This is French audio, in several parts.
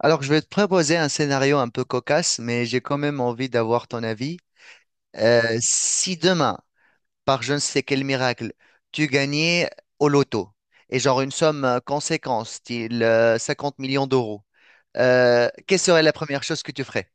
Alors, je vais te proposer un scénario un peu cocasse, mais j'ai quand même envie d'avoir ton avis. Si demain, par je ne sais quel miracle, tu gagnais au loto, et genre une somme conséquente, style 50 millions d'euros, quelle serait la première chose que tu ferais?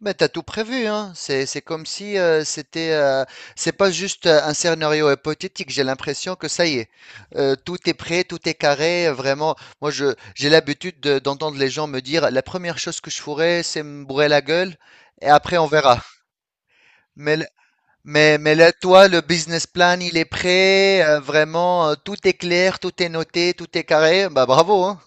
Mais t'as tout prévu, hein. C'est comme si c'est pas juste un scénario hypothétique. J'ai l'impression que ça y est. Tout est prêt, tout est carré. Vraiment, moi, j'ai l'habitude d'entendre les gens me dire, la première chose que je ferai, c'est me bourrer la gueule, et après on verra. Mais, l- mais là, toi, le business plan, il est prêt. Vraiment, tout est clair, tout est noté, tout est carré. Bah bravo, hein.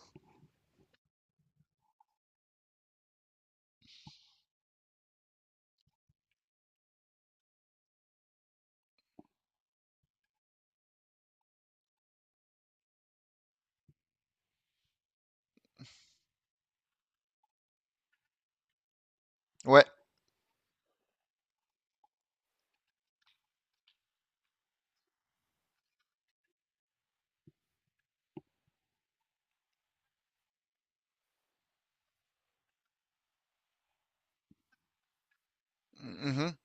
Ouais. Mhm.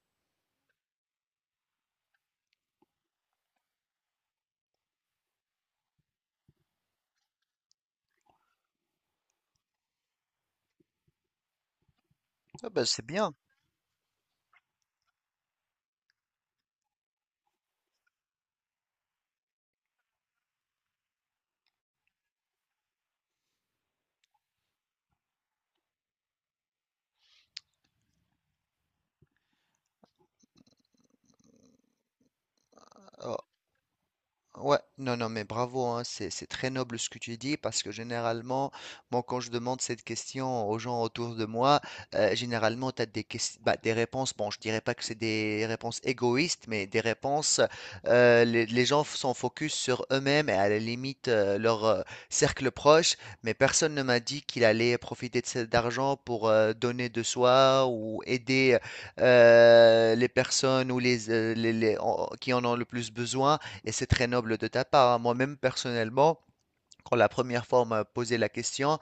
Ah bah, c'est bien. Ouais, non, non, mais bravo, hein, c'est très noble ce que tu dis parce que généralement, moi, quand je demande cette question aux gens autour de moi, généralement, tu as bah, des réponses, bon, je dirais pas que c'est des réponses égoïstes, mais des réponses, les sont focus sur eux-mêmes et à la limite leur cercle proche, mais personne ne m'a dit qu'il allait profiter de cet argent pour donner de soi ou aider les personnes ou qui en ont le plus besoin. Et c'est très noble de ta part, hein. Moi-même, personnellement, quand la première fois on m'a posé la question,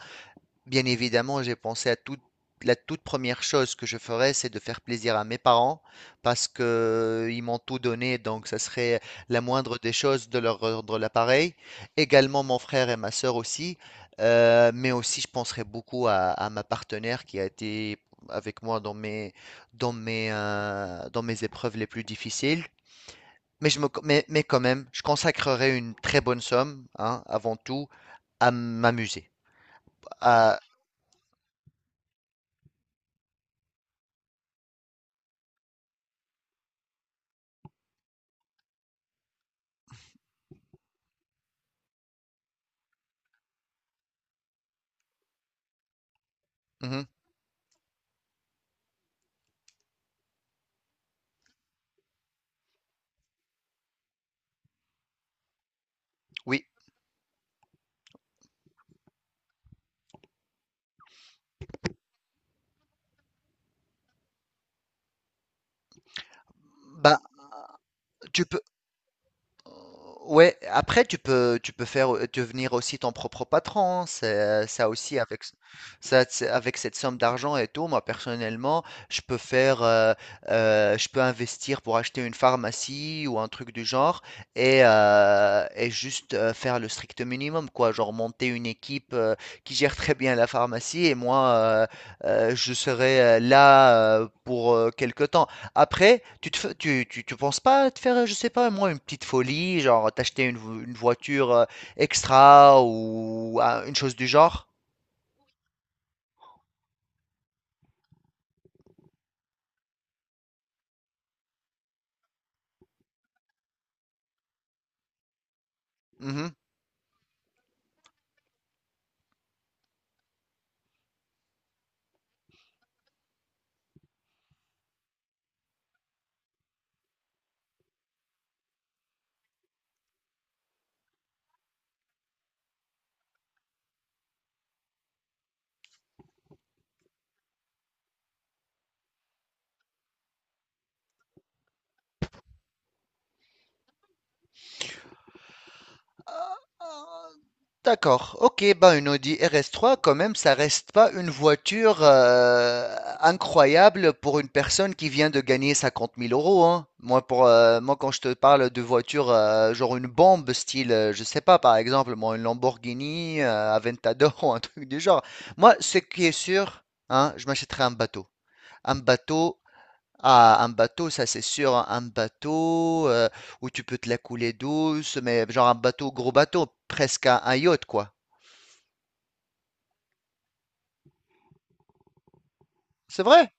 bien évidemment, j'ai pensé à toute la toute première chose que je ferais, c'est de faire plaisir à mes parents parce que ils m'ont tout donné, donc ça serait la moindre des choses de leur rendre l'appareil. Également mon frère et ma sœur aussi, mais aussi je penserais beaucoup à ma partenaire qui a été avec moi dans mes épreuves les plus difficiles. Mais quand même, je consacrerai une très bonne somme, hein, avant tout, à m'amuser. À- Mhm, oui, bah, tu peux, ouais, après tu peux devenir aussi ton propre patron, hein, c'est ça aussi avec ce ça c'est avec cette somme d'argent et tout, moi personnellement, je peux faire, heu je peux investir pour acheter une pharmacie ou un truc du genre et juste, faire le strict minimum quoi, genre monter une équipe, qui gère très bien la pharmacie et moi, je serai, là, pour, quelque temps. Après, tu te fais tu tu tu penses pas à te faire, je sais pas moi, une petite folie, genre t'acheter une voiture, extra ou un une chose du genre? Mmh D'accord, ok, ben une Audi RS3, quand même, ça reste pas une voiture incroyable pour une personne qui vient de gagner 50 000 euros, hein. Moi, moi, quand je te parle de voiture, genre une bombe, style, je sais pas, par exemple, moi, une Lamborghini, Aventador ou un truc du genre. Moi, ce qui est sûr, hein, je m'achèterai un bateau. Un bateau, ah, un bateau, ça c'est sûr, hein, un bateau où tu peux te la couler douce, mais genre un bateau, gros bateau, presque un yacht, quoi. C'est vrai.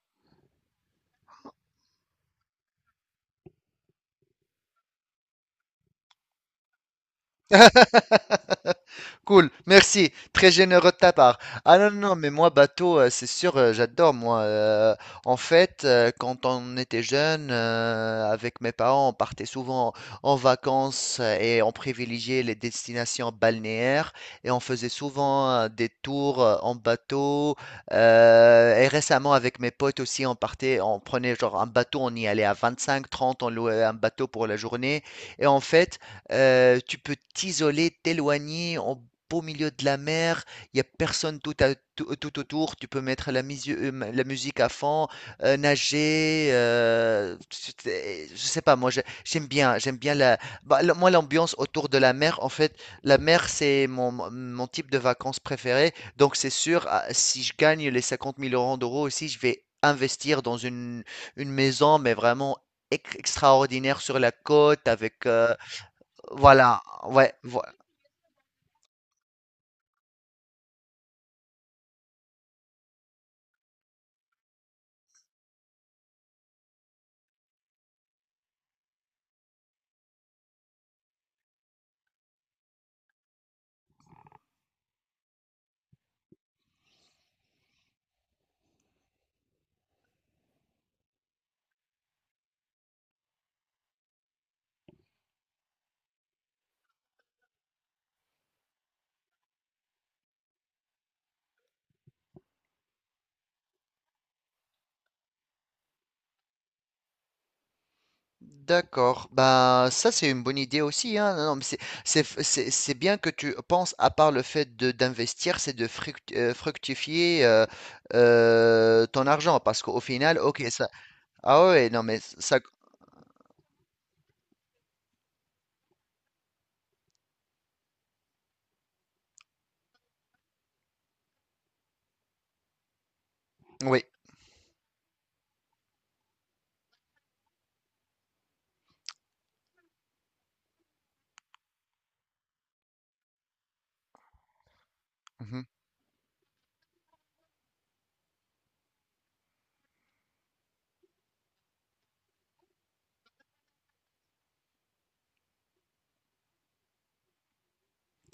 Cool, merci, très généreux de ta part. Ah non, non, non, mais moi, bateau, c'est sûr, j'adore, moi. En fait, quand on était jeune, avec mes parents, on partait souvent en vacances et on privilégiait les destinations balnéaires et on faisait souvent des tours en bateau. Et récemment, avec mes potes aussi, on partait, on prenait genre un bateau, on y allait à 25, 30, on louait un bateau pour la journée. Et en fait, tu peux t'isoler, t'éloigner en beau milieu de la mer, il y a personne tout autour, tu peux mettre la musique à fond, nager, je sais pas, moi j'aime bien, moi l'ambiance autour de la mer, en fait, la mer c'est mon type de vacances préféré, donc c'est sûr, ah, si je gagne les 50 000 euros d'euros aussi, je vais investir dans une maison, mais vraiment extraordinaire sur la côte avec voilà, ouais. D'accord. Bah, ça, c'est une bonne idée aussi, hein. Non, non, mais c'est bien que tu penses, à part le fait d'investir, c'est de fructifier ton argent. Parce qu'au final, ok, ça. Ah ouais, non, mais ça. Oui.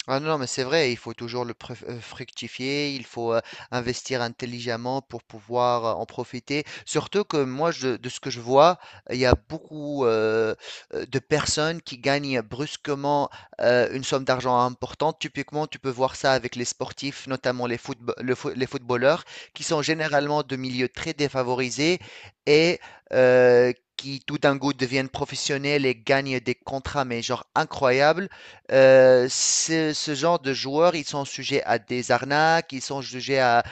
Ah non, non, mais c'est vrai, il faut toujours le fructifier, il faut investir intelligemment pour pouvoir en profiter. Surtout que moi, de ce que je vois, il y a beaucoup de personnes qui gagnent brusquement une somme d'argent importante. Typiquement, tu peux voir ça avec les sportifs, notamment les footballeurs, qui sont généralement de milieux très défavorisés et qui tout d'un coup deviennent professionnels et gagnent des contrats, mais genre incroyables. Ce genre de joueurs, ils sont sujets à des arnaques, ils sont sujets à, à-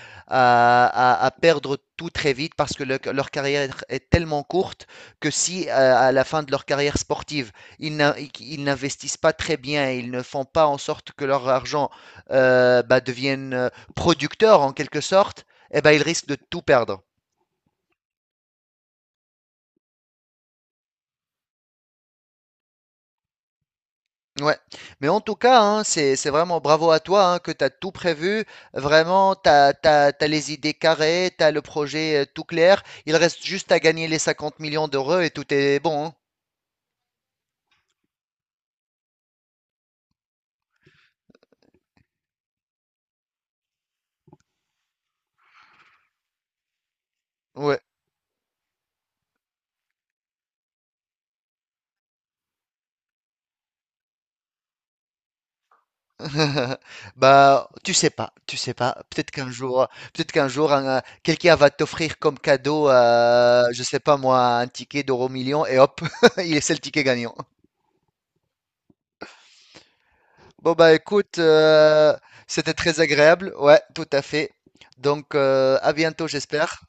à- à perdre tout très vite parce que leur carrière est tellement courte que si à la fin de leur carrière sportive, ils n'investissent pas très bien, ils ne font pas en sorte que leur argent bah, devienne producteur en quelque sorte, eh ben, ils risquent de tout perdre. Ouais, mais en tout cas, hein, c'est vraiment bravo à toi, hein, que tu as tout prévu. Vraiment, tu as, t'as, t'as- t'as les idées carrées, tu as le projet tout clair. Il reste juste à gagner les 50 millions d'euros et tout est bon, hein. Ouais. Bah, tu sais pas, tu sais pas. Peut-être qu'un jour, quelqu'un va t'offrir comme cadeau, je sais pas moi, un ticket d'euro million et hop, il c'est le ticket gagnant. Bon bah écoute, c'était très agréable, ouais, tout à fait. Donc à bientôt, j'espère.